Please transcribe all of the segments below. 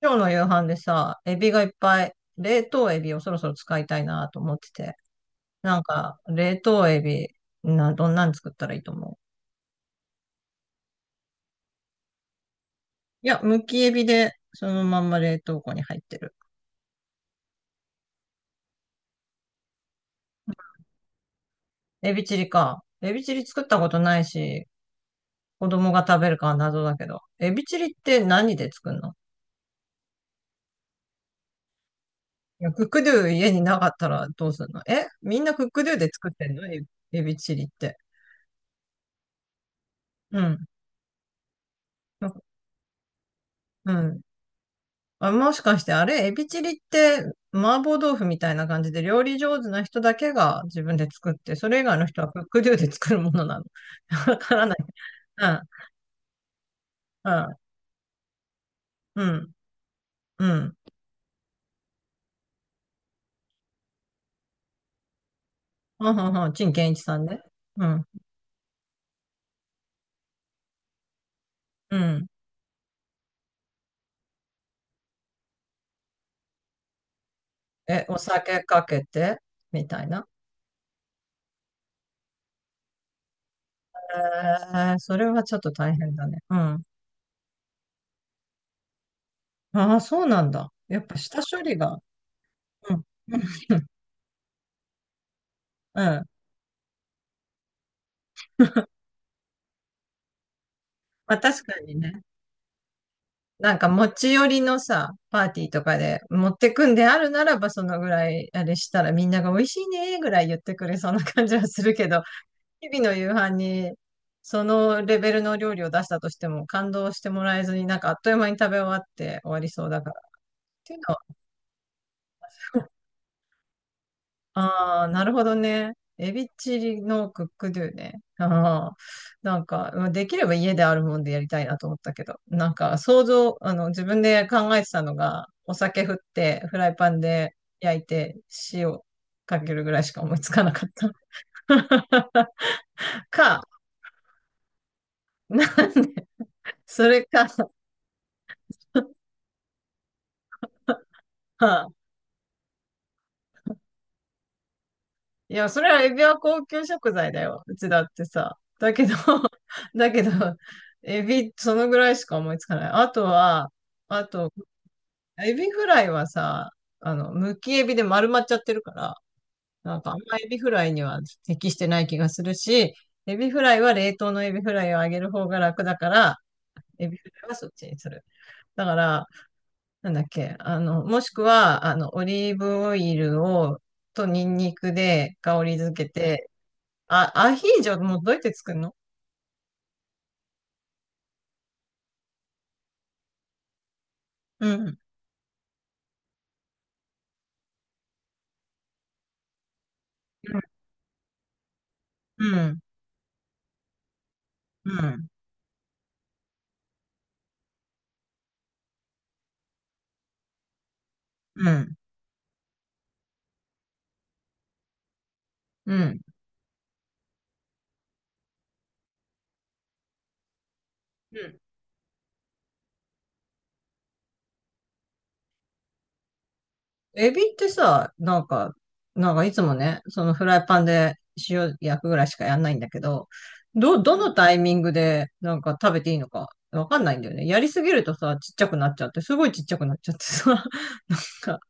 今日の夕飯でさ、エビがいっぱい、冷凍エビをそろそろ使いたいなと思ってて。なんか、冷凍エビ、どんなん作ったらいいと思う？いや、むきエビで、そのまんま冷凍庫に入ってる。エビチリか。エビチリ作ったことないし、子供が食べるかは謎だけど。エビチリって何で作るの？いや、クックドゥ家になかったらどうするの？え、みんなクックドゥで作ってんの？エビチリって。うん。うん。あ、もしかしてあれ、エビチリって麻婆豆腐みたいな感じで料理上手な人だけが自分で作って、それ以外の人はクックドゥで作るものなの。わからない。うん、うん、うん、うん。はんはんはん、陳建一さんね。うん、うん。え、お酒かけてみたいな。それはちょっと大変だね。うん。ああ、そうなんだ。やっぱ下処理が。うん、うん、うん。まあ確かにね。なんか持ち寄りのさ、パーティーとかで持ってくんであるならば、そのぐらいあれしたらみんなが美味しいねーぐらい言ってくれそうな感じはするけど、日々の夕飯にそのレベルの料理を出したとしても感動してもらえずになんかあっという間に食べ終わって終わりそうだから。っていうのは、ああ、なるほどね。エビチリのクックドゥね。ああ、なんか、まあできれば家であるもんでやりたいなと思ったけど、なんか想像、自分で考えてたのが、お酒振って、フライパンで焼いて、塩かけるぐらいしか思いつかなかった。か、なんで、それか、はあ、いや、それはエビは高級食材だよ。うちだってさ。だけど、だけど、エビ、そのぐらいしか思いつかない。あとは、あと、エビフライはさ、むきエビで丸まっちゃってるから、なんかあんまエビフライには適してない気がするし、エビフライは冷凍のエビフライをあげる方が楽だから、エビフライはそっちにする。だから、なんだっけ、もしくは、オリーブオイルを、とニンニクで香り付けて、あ、アヒージョもどうやって作るの？うん。うん。うん。うん。うん。うん。エビってさ、なんかいつもね、そのフライパンで塩焼くぐらいしかやんないんだけど、どのタイミングでなんか食べていいのかわかんないんだよね。やりすぎるとさ、ちっちゃくなっちゃって、すごいちっちゃくなっちゃってさ、なんか、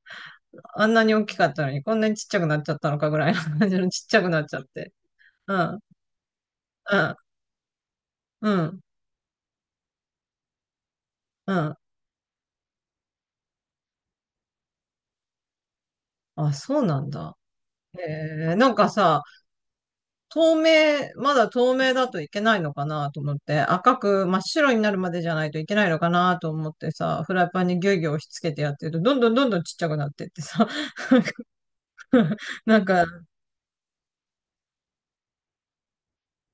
あんなに大きかったのにこんなにちっちゃくなっちゃったのかぐらいの感じのちっちゃくなっちゃって。うん、うん、うん、うん。あ、そうなんだ。なんかさ、透明、まだ透明だといけないのかなと思って、赤く真っ白になるまでじゃないといけないのかなと思ってさ、フライパンにギュウギュウ押し付けてやってると、どんどんどんどんちっちゃくなってってさ、なんか、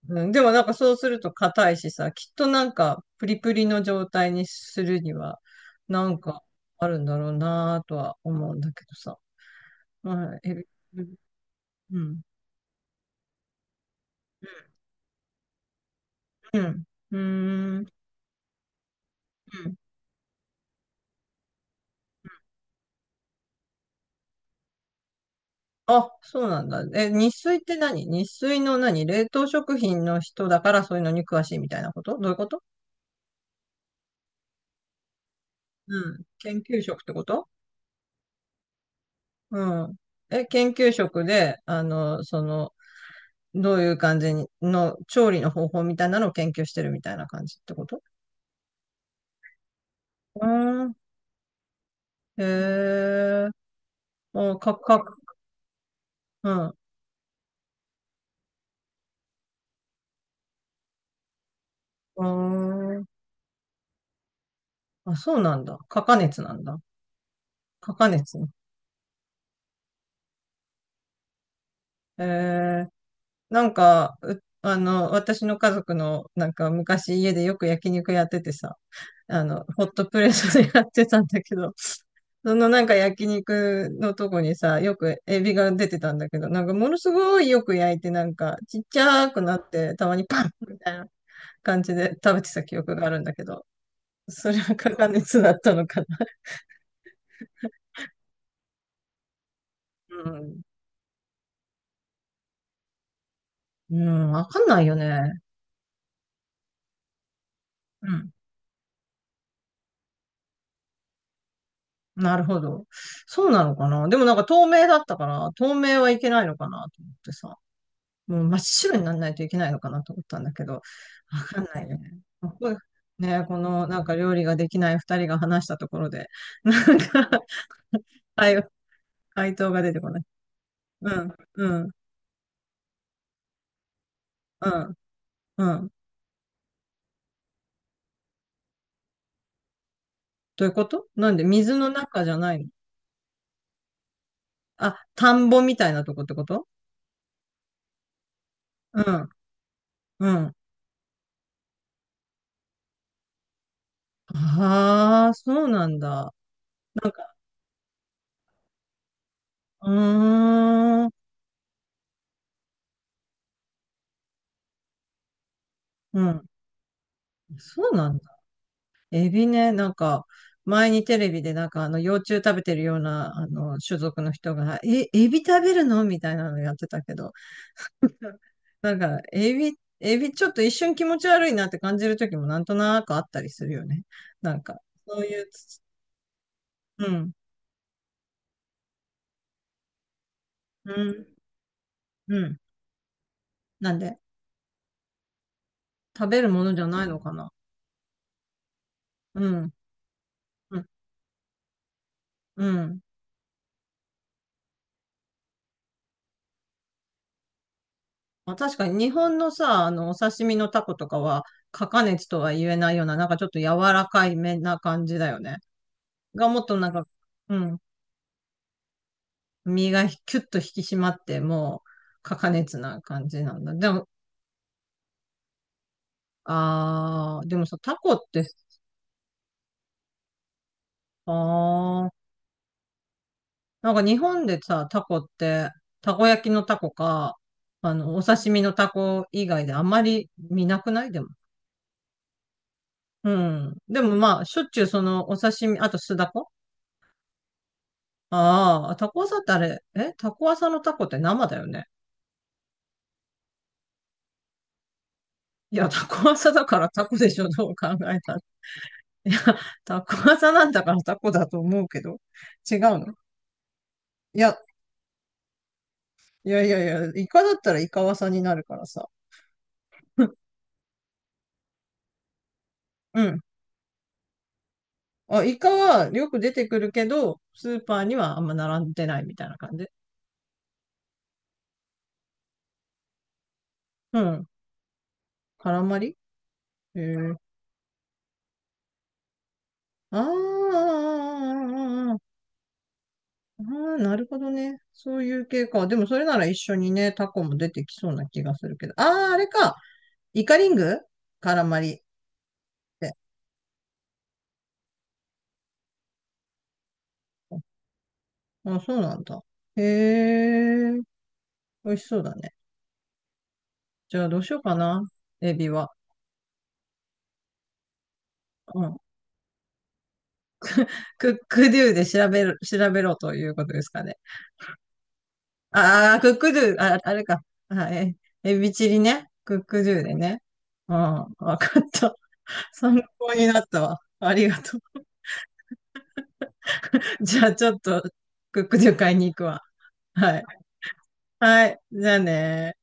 うん、でもなんかそうすると硬いしさ、きっとなんかプリプリの状態にするには、なんかあるんだろうなとは思うんだけどさ。うん、え、うん、うん、うん、うん、うん。あ、そうなんだ。え、日水って何？日水の何？冷凍食品の人だからそういうのに詳しいみたいなこと？どういうこと？うん。研究職ってこと？うん。え、研究職で、どういう感じにの調理の方法みたいなのを研究してるみたいな感じってこと？うーん。へえ。お、うん。うーん。あ、そうなんだ。かか熱なんだ。かか熱。へえ。なんか、うあの、私の家族の、なんか昔家でよく焼肉やっててさ、ホットプレートでやってたんだけど、そのなんか焼肉のとこにさ、よくエビが出てたんだけど、なんかものすごいよく焼いて、なんかちっちゃくなって、たまにパンみたいな感じで食べてた記憶があるんだけど、それは加熱だったのかな。うん。うん、わかんないよね。なるほど。そうなのかな？でもなんか透明だったから、透明はいけないのかなと思ってさ。もう真っ白にならないといけないのかなと思ったんだけど、わかんないね。ここね、このなんか料理ができない二人が話したところで、なんか、回回答が出てこない。うん、うん、うん、うん。どういうこと？なんで水の中じゃないの？あ、田んぼみたいなとこってこと？うん、うん。ああ、そうなんだ。うーん、うん。そうなんだ。エビね、なんか、前にテレビでなんかあの幼虫食べてるようなあの種族の人が、え、エビ食べるのみたいなのやってたけど、なんか、エビちょっと一瞬気持ち悪いなって感じる時もなんとなくあったりするよね。なんか、そういうつ、うん、うん、うん。なんで、食べるものじゃないのかな。うん、うん、うん。まあ、確かに日本のさ、お刺身のタコとかは、過加熱とは言えないような、なんかちょっと柔らかいめな感じだよね。がもっとなんか、うん、身がキュッと引き締まって、もう、高熱な感じなんだ。でも、あー、でもさ、タコってさ、あーなんか日本でさ、タコって、たこ焼きのタコか、お刺身のタコ以外であんまり見なくない？でも。うん。でもまあ、しょっちゅうそのお刺身、あと酢だこ、ああー、タコ朝ってあれ、タコ朝のタコって生だよね。いや、タコ朝だからタコでしょ、どう考えたら。いや、タコ技なんだからタコだと思うけど。違うの？いや、いやいやいや、イカだったらイカワサになるからさ。うん。あ、イカはよく出てくるけど、スーパーにはあんま並んでないみたいな感じ。うん。カラマリ？へえ。あーあー、あーあーあー、なるほどね。そういう系か。でもそれなら一緒にね、タコも出てきそうな気がするけど。ああ、あれか。イカリング？カラマリって。あ、そうなんだ。へえ。美味しそうだね。じゃあどうしようかな。エビは。うん。クックドゥで調べろということですかね。ああ、クックドゥ、あ、あれか。はい。エビチリね。クックドゥでね。うん。わかった。参考になったわ。ありがとう。じゃあちょっと、クックドゥ買いに行くわ。はい。はい。じゃあね。